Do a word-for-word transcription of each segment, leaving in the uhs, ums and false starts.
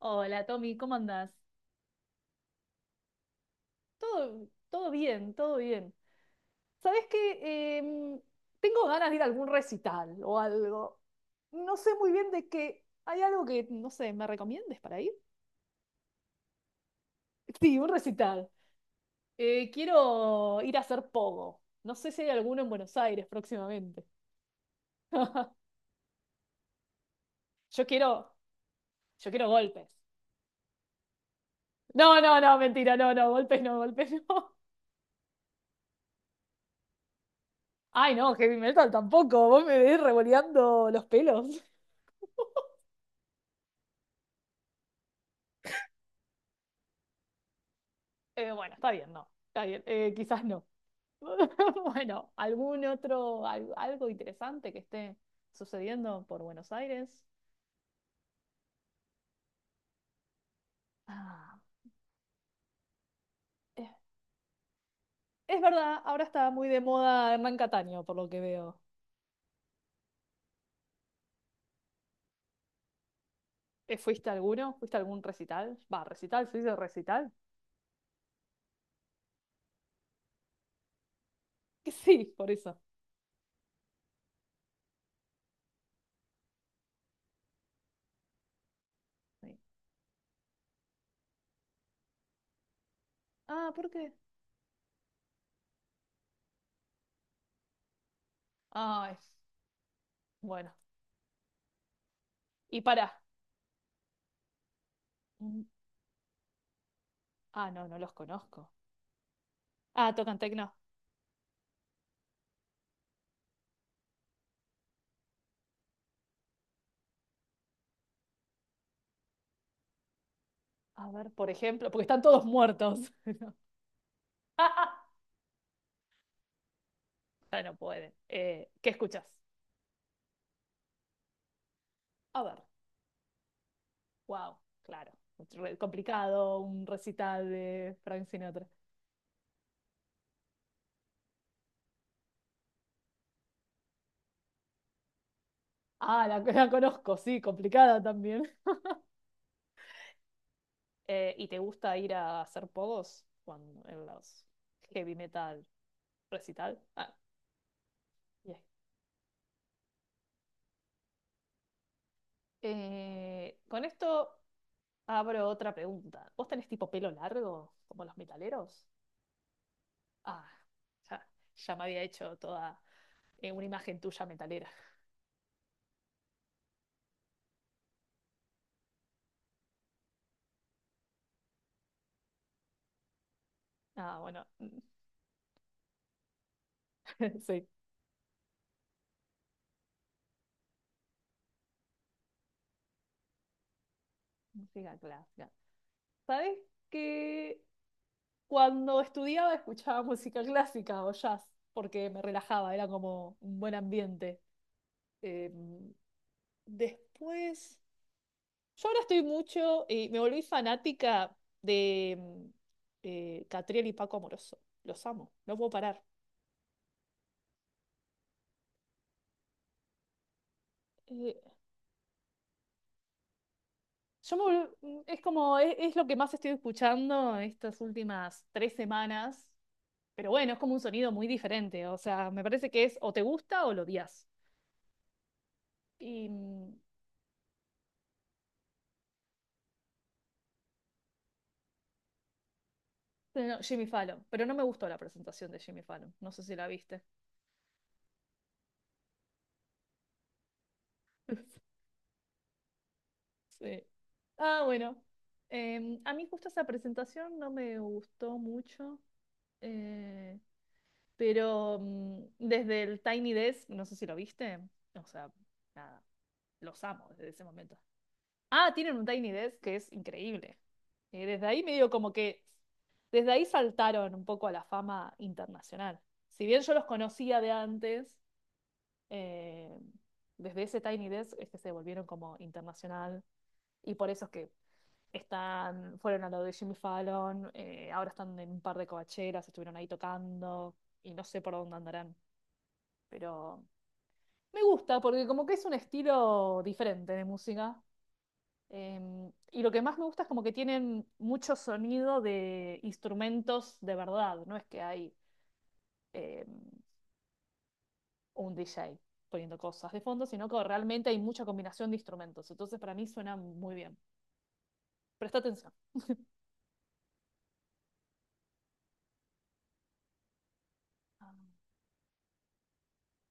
Hola Tommy, ¿cómo andás? Todo, todo bien, todo bien. ¿Sabés qué? Em, tengo ganas de ir a algún recital o algo. No sé muy bien de qué. ¿Hay algo que, no sé, me recomiendes para ir? Sí, un recital. Eh, quiero ir a hacer pogo. No sé si hay alguno en Buenos Aires próximamente. Yo quiero, yo quiero golpes. No, no, no, mentira, no, no, golpes no, golpes no. Ay, no, heavy metal tampoco. Vos me ves revoleando los pelos. Eh, bueno, está bien, no. Está bien, eh, quizás no. Bueno, ¿algún otro, al- algo interesante que esté sucediendo por Buenos Aires? Ah, es, es verdad, ahora está muy de moda Hernán Cataño, por lo que veo. Eh, ¿Fuiste a alguno? ¿Fuiste a algún recital? Va, recital, ¿se dice recital? Que sí, por eso. Sí. Ah, ¿por qué? Ay, bueno. Y para. Mm, ah, no, no los conozco. Ah, tocan tecno. A ver, por ejemplo, porque están todos muertos. Ya no pueden. Eh, ¿qué escuchas? A ver, wow, claro. Re- Complicado, un recital de Frank Sinatra. Ah, la, la conozco, sí, complicada también. Eh, ¿y te gusta ir a hacer pogos cuando, en los heavy metal recital? Ah, bien. Eh, con esto abro otra pregunta. ¿Vos tenés tipo pelo largo, como los metaleros? Ah, ya, ya me había hecho toda eh, una imagen tuya metalera. Ah, bueno, sí. Música clásica. ¿Sabes que cuando estudiaba escuchaba música clásica o jazz? Porque me relajaba, era como un buen ambiente. Eh, después, yo ahora estoy mucho y me volví fanática de mm, eh, Catriel y Paco Amoroso. Los amo, no puedo parar. Eh, yo me volv- mm, es como, es, es lo que más estoy escuchando estas últimas tres semanas. Pero bueno, es como un sonido muy diferente. O sea, me parece que es o te gusta o lo odias. Y mm, no, Jimmy Fallon, pero no me gustó la presentación de Jimmy Fallon, no sé si la viste. Sí. Ah, bueno. Em, a mí justo esa presentación no me gustó mucho, eh, pero mm, desde el Tiny Desk, no sé si lo viste, o sea, nada, los amo desde ese momento. Ah, tienen un Tiny Desk que es increíble. Eh, desde ahí medio como que, desde ahí saltaron un poco a la fama internacional. Si bien yo los conocía de antes, eh, desde ese Tiny Desk es que se volvieron como internacional y por eso es que están, fueron a lo de Jimmy Fallon, eh, ahora están en un par de covacheras, estuvieron ahí tocando y no sé por dónde andarán, pero me gusta porque como que es un estilo diferente de música. Eh, y lo que más me gusta es como que tienen mucho sonido de instrumentos de verdad, no es que hay... eh, un D J poniendo cosas de fondo, sino que realmente hay mucha combinación de instrumentos. Entonces, para mí suena muy bien. Presta atención.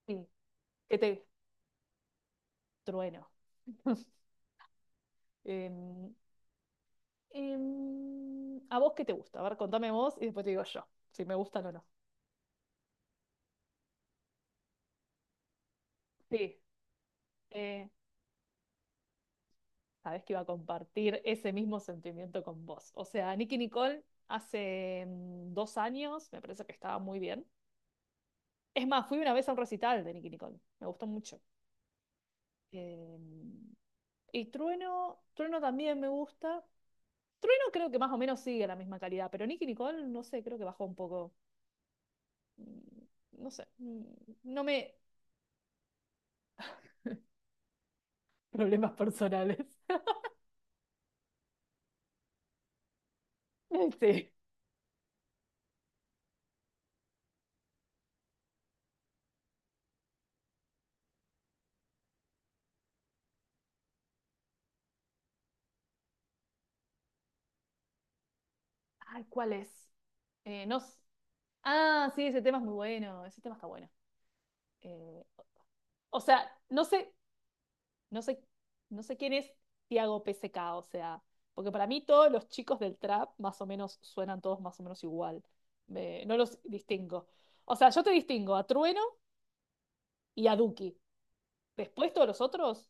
Sí, que te trueno. Em, em, ¿A vos qué te gusta? A ver, contame vos y después te digo yo, si me gustan o no. Sí, eh, sabés que iba a compartir ese mismo sentimiento con vos. O sea, Nicki Nicole hace mm, dos años me parece que estaba muy bien. Es más, fui una vez a un recital de Nicki Nicole. Me gustó mucho. Em, y Trueno, Trueno también me gusta. Trueno creo que más o menos sigue la misma calidad, pero Nicki Nicole, no sé, creo que bajó un poco. Mm, No sé, mm, no me... Problemas personales. Sí. Ay, ¿cuál es? Eh, no... s- Ah, sí, ese tema es muy bueno, ese tema está bueno. Eh, o sea, no sé, No sé, no sé quién es Tiago P S K, o sea, porque para mí todos los chicos del trap más o menos suenan todos más o menos igual. Me- no los distingo. O sea, yo te distingo a Trueno y a Duki. Después todos los otros,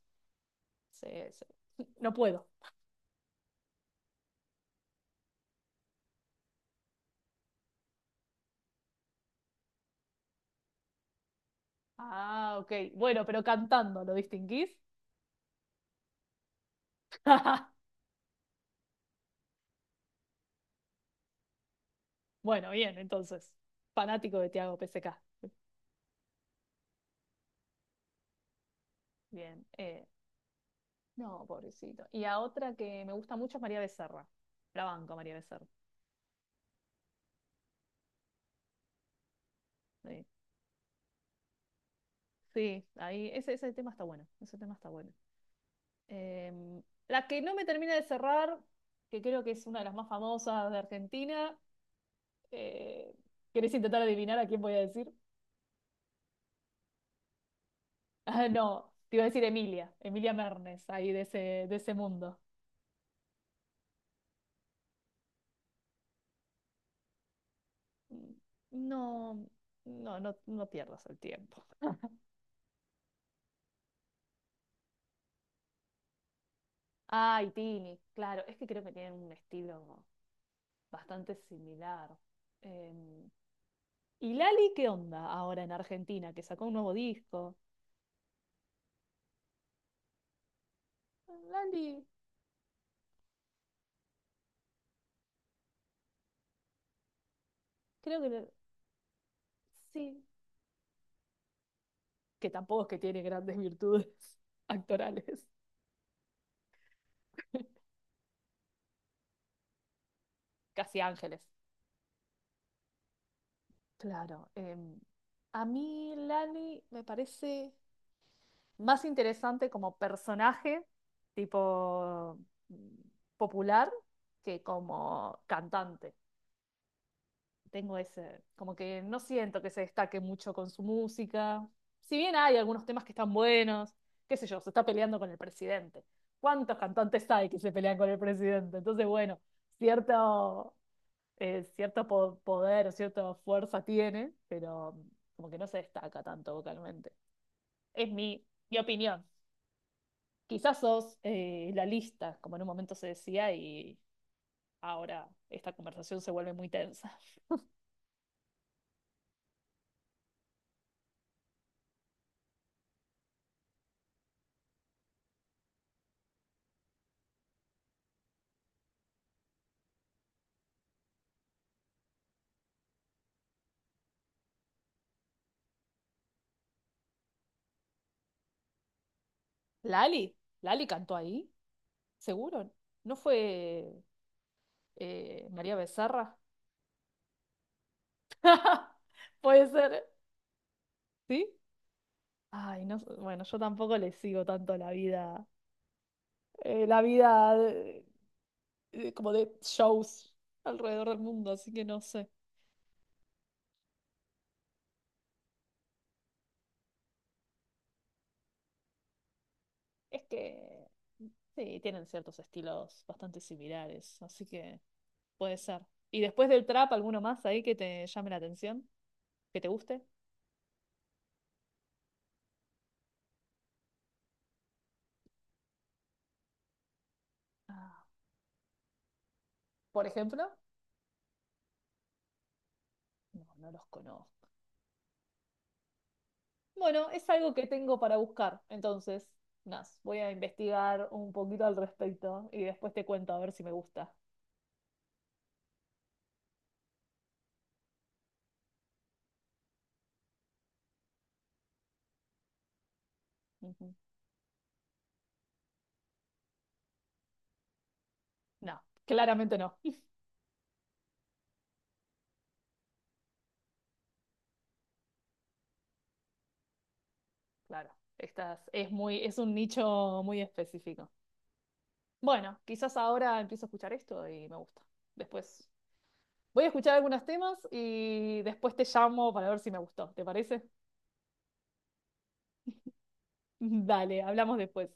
se- se- no puedo. Ah, ok. Bueno, pero cantando, ¿lo distinguís? Bueno, bien, entonces. Fanático de Tiago P S K. Bien. eh, no, pobrecito. Y a otra que me gusta mucho es María Becerra. La banco, María Becerra. Sí. Sí, ahí ese, ese tema está bueno, ese tema está bueno. Em, la que no me termina de cerrar, que creo que es una de las más famosas de Argentina, eh, ¿querés intentar adivinar a quién voy a decir? Ah, no, te iba a decir Emilia, Emilia Mernes, ahí de ese, de ese mundo. No, no, no, no pierdas el tiempo. Ay, Tini, claro, es que creo que tienen un estilo bastante similar. Em, ¿Y Lali qué onda ahora en Argentina? Que sacó un nuevo disco. Landy, creo que le- sí, que tampoco es que tiene grandes virtudes actorales, casi ángeles. Claro, em, a mí Lani me parece más interesante como personaje, tipo mm, popular, que como cantante. Tengo ese, como que no siento que se destaque mucho con su música. Si bien hay algunos temas que están buenos, qué sé yo, se está peleando con el presidente. ¿Cuántos cantantes hay que se pelean con el presidente? Entonces, bueno, cierto, eh, cierto po- poder o cierta fuerza tiene, pero como que no se destaca tanto vocalmente. Es mi, mi opinión. Quizás sos eh, la lista, como en un momento se decía, y ahora esta conversación se vuelve muy tensa. ¿Lali? ¿Lali cantó ahí? ¿Seguro? ¿No fue eh, María Becerra? Puede ser, ¿sí? Ay, no, bueno, yo tampoco le sigo tanto la vida, eh, la vida de- de- como de shows alrededor del mundo, así que no sé. Es que sí, tienen ciertos estilos bastante similares, así que puede ser. ¿Y después del trap, alguno más ahí que te llame la atención, que te guste? Ah, por ejemplo, no, no los conozco. Bueno, es algo que tengo para buscar, entonces, nada, voy a investigar un poquito al respecto y después te cuento a ver si me gusta. Ujú. No, claramente no. Claro, estas es muy, es un nicho muy específico. Bueno, quizás ahora empiezo a escuchar esto y me gusta. Después voy a escuchar algunos temas y después te llamo para ver si me gustó. ¿Te parece? Dale, hablamos después.